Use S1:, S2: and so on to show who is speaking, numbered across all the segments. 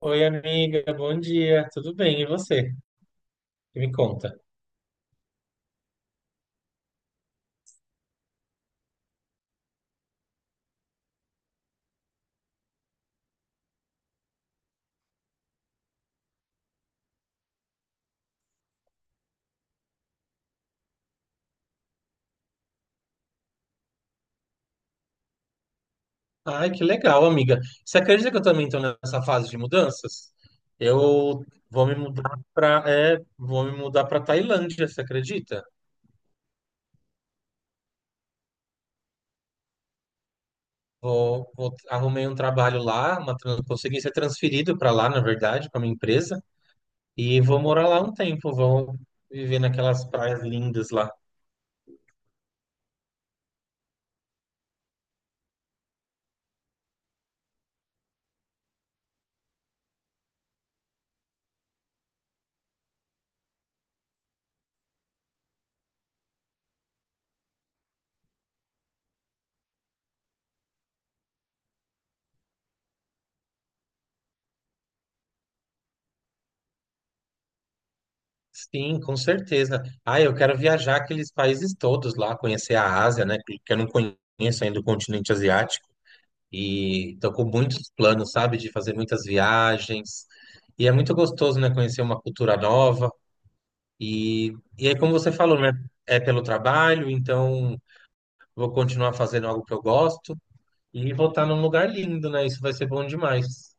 S1: Oi, amiga, bom dia. Tudo bem? E você? Me conta. Ai, que legal, amiga. Você acredita que eu também estou nessa fase de mudanças? Eu vou me mudar para vou me mudar para Tailândia, você acredita? Arrumei um trabalho lá, consegui ser transferido para lá, na verdade, para minha empresa, e vou morar lá um tempo, vou viver naquelas praias lindas lá. Sim, com certeza. Ah, eu quero viajar aqueles países todos lá, conhecer a Ásia, né? Que eu não conheço ainda o continente asiático. E tô com muitos planos, sabe? De fazer muitas viagens. E é muito gostoso, né? Conhecer uma cultura nova. E aí, como você falou, né? É pelo trabalho, então vou continuar fazendo algo que eu gosto e vou estar num lugar lindo, né? Isso vai ser bom demais.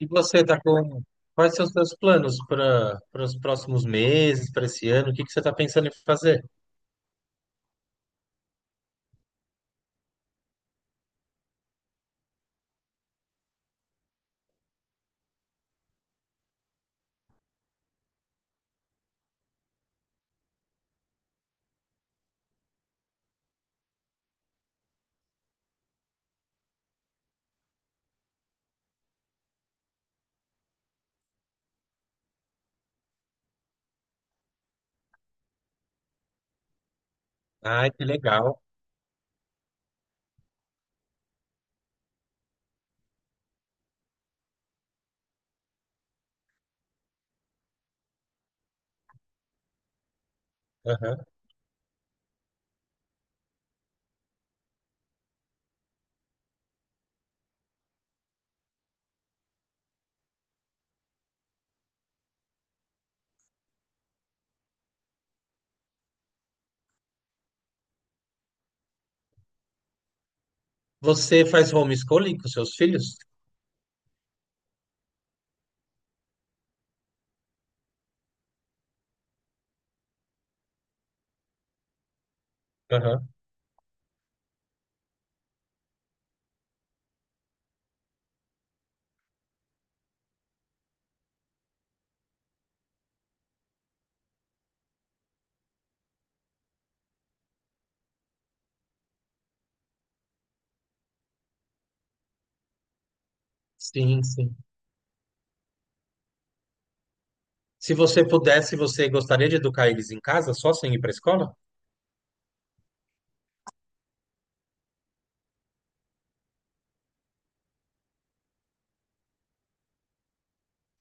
S1: E você está com quais são os seus planos para para os próximos meses, para esse ano? O que que você está pensando em fazer? Ai, que legal. Aham. Você faz homeschooling com seus filhos? Aham. Sim, sim. Se você pudesse, você gostaria de educar eles em casa, só sem ir para a escola?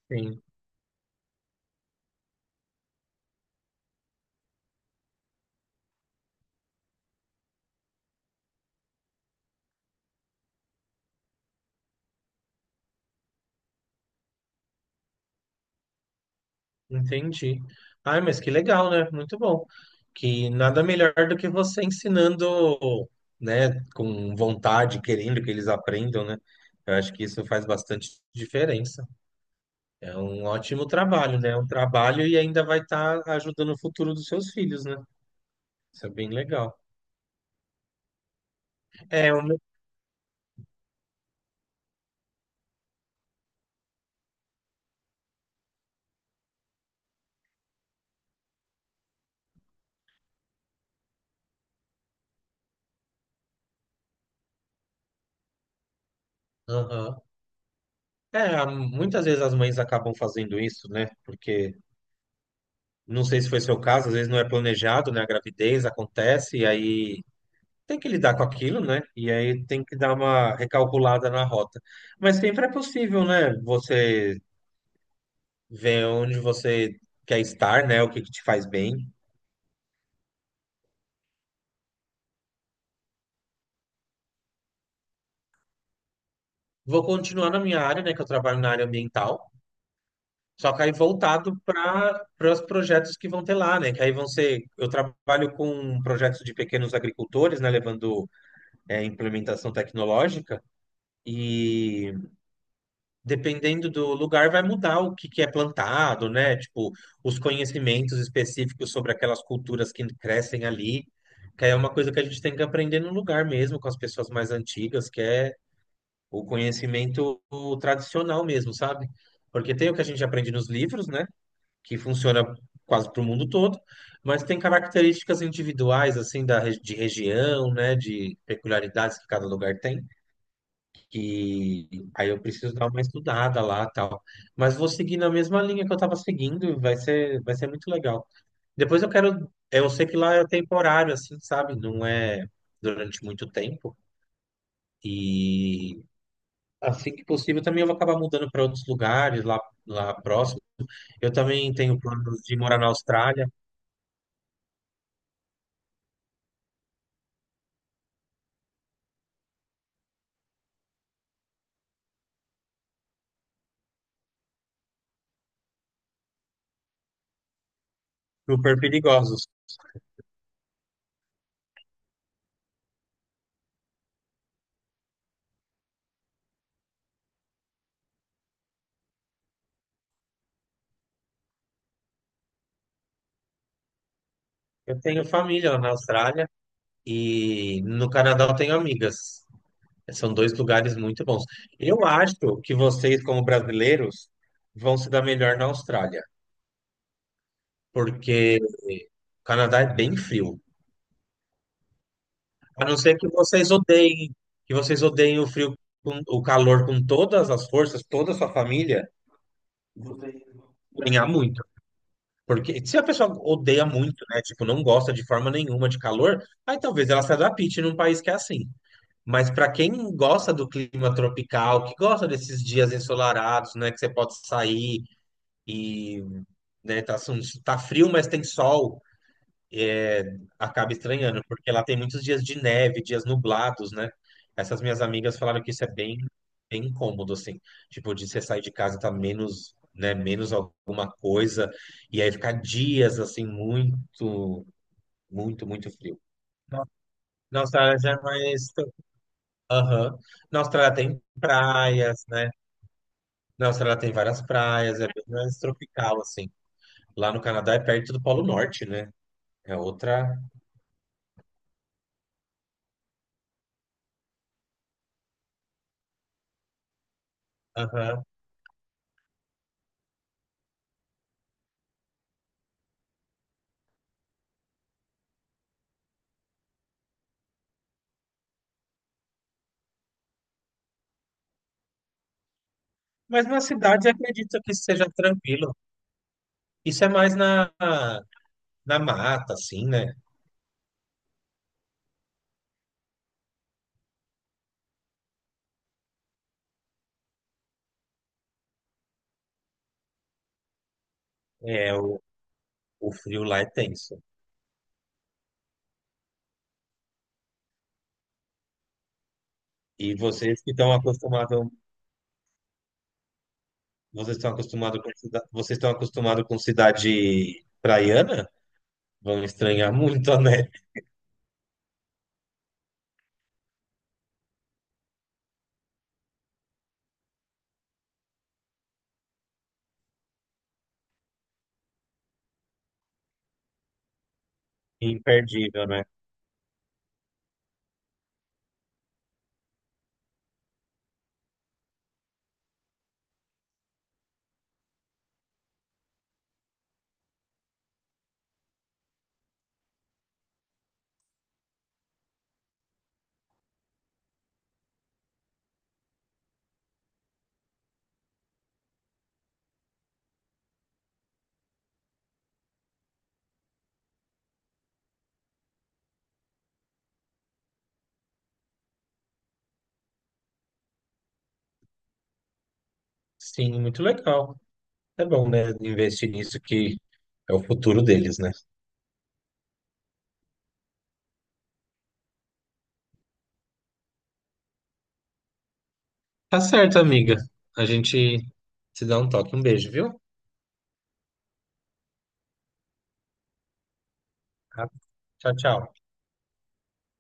S1: Sim, entendi. Ai, mas que legal, né? Muito bom. Que nada melhor do que você ensinando, né, com vontade, querendo que eles aprendam, né? Eu acho que isso faz bastante diferença. É um ótimo trabalho, né? É um trabalho e ainda vai estar ajudando o futuro dos seus filhos, né? Isso é bem legal. É, o meu- Aham. É, a- muitas vezes as mães acabam fazendo isso, né? Porque não sei se foi seu caso, às vezes não é planejado, né? A gravidez acontece e aí tem que lidar com aquilo, né? E aí tem que dar uma recalculada na rota. Mas sempre é possível, né? Você ver onde você quer estar, né? O que que te faz bem. Vou continuar na minha área, né? Que eu trabalho na área ambiental. Só que aí voltado para para os projetos que vão ter lá, né? Que aí vão ser. Eu trabalho com projetos de pequenos agricultores, né? Levando implementação tecnológica. E dependendo do lugar, vai mudar o que, que é plantado, né? Tipo, os conhecimentos específicos sobre aquelas culturas que crescem ali. Que aí é uma coisa que a gente tem que aprender no lugar mesmo, com as pessoas mais antigas, que é o conhecimento tradicional mesmo, sabe? Porque tem o que a gente aprende nos livros, né? Que funciona quase para o mundo todo, mas tem características individuais assim da re- de região, né, de peculiaridades que cada lugar tem, que aí eu preciso dar uma estudada lá, tal. Mas vou seguir na mesma linha que eu estava seguindo, e vai ser muito legal. Depois eu quero, eu sei que lá é temporário assim, sabe? Não é durante muito tempo. E assim que possível também eu vou acabar mudando para outros lugares lá próximo. Eu também tenho planos de morar na Austrália. Super perigosos. Eu tenho família lá na Austrália e no Canadá eu tenho amigas. São dois lugares muito bons. Eu acho que vocês, como brasileiros, vão se dar melhor na Austrália, porque o Canadá é bem frio. A não ser que vocês odeiem o frio, com- o calor com todas as forças, toda a sua família, vocês vão ganhar muito. Porque se a pessoa odeia muito, né, tipo, não gosta de forma nenhuma de calor, aí talvez ela se adapte num país que é assim. Mas para quem gosta do clima tropical, que gosta desses dias ensolarados, né, que você pode sair e, né, tá, assim, tá frio, mas tem sol, é, acaba estranhando, porque lá tem muitos dias de neve, dias nublados, né? Essas minhas amigas falaram que isso é bem, bem incômodo, assim, tipo, de você sair de casa e tá menos, né, menos alguma coisa, e aí ficar dias, assim, muito, muito frio. Nossa, ela já é mais Aham. Na Austrália tem praias, né? Na Austrália tem várias praias, é bem mais tropical, assim. Lá no Canadá é perto do Polo Norte, né? É outra. Aham. Mas na cidade acredito que seja tranquilo. Isso é mais na, na mata, assim, né? É, o, o frio lá é tenso. E vocês que estão acostumados, vocês estão acostumados com, vocês estão acostumados com cidade praiana? Vão estranhar muito, né? Imperdível, né? Sim, muito legal. É bom, né? Investir nisso que é o futuro deles, né? Tá certo, amiga. A gente se dá um toque. Um beijo, viu? Tá? Tchau, tchau.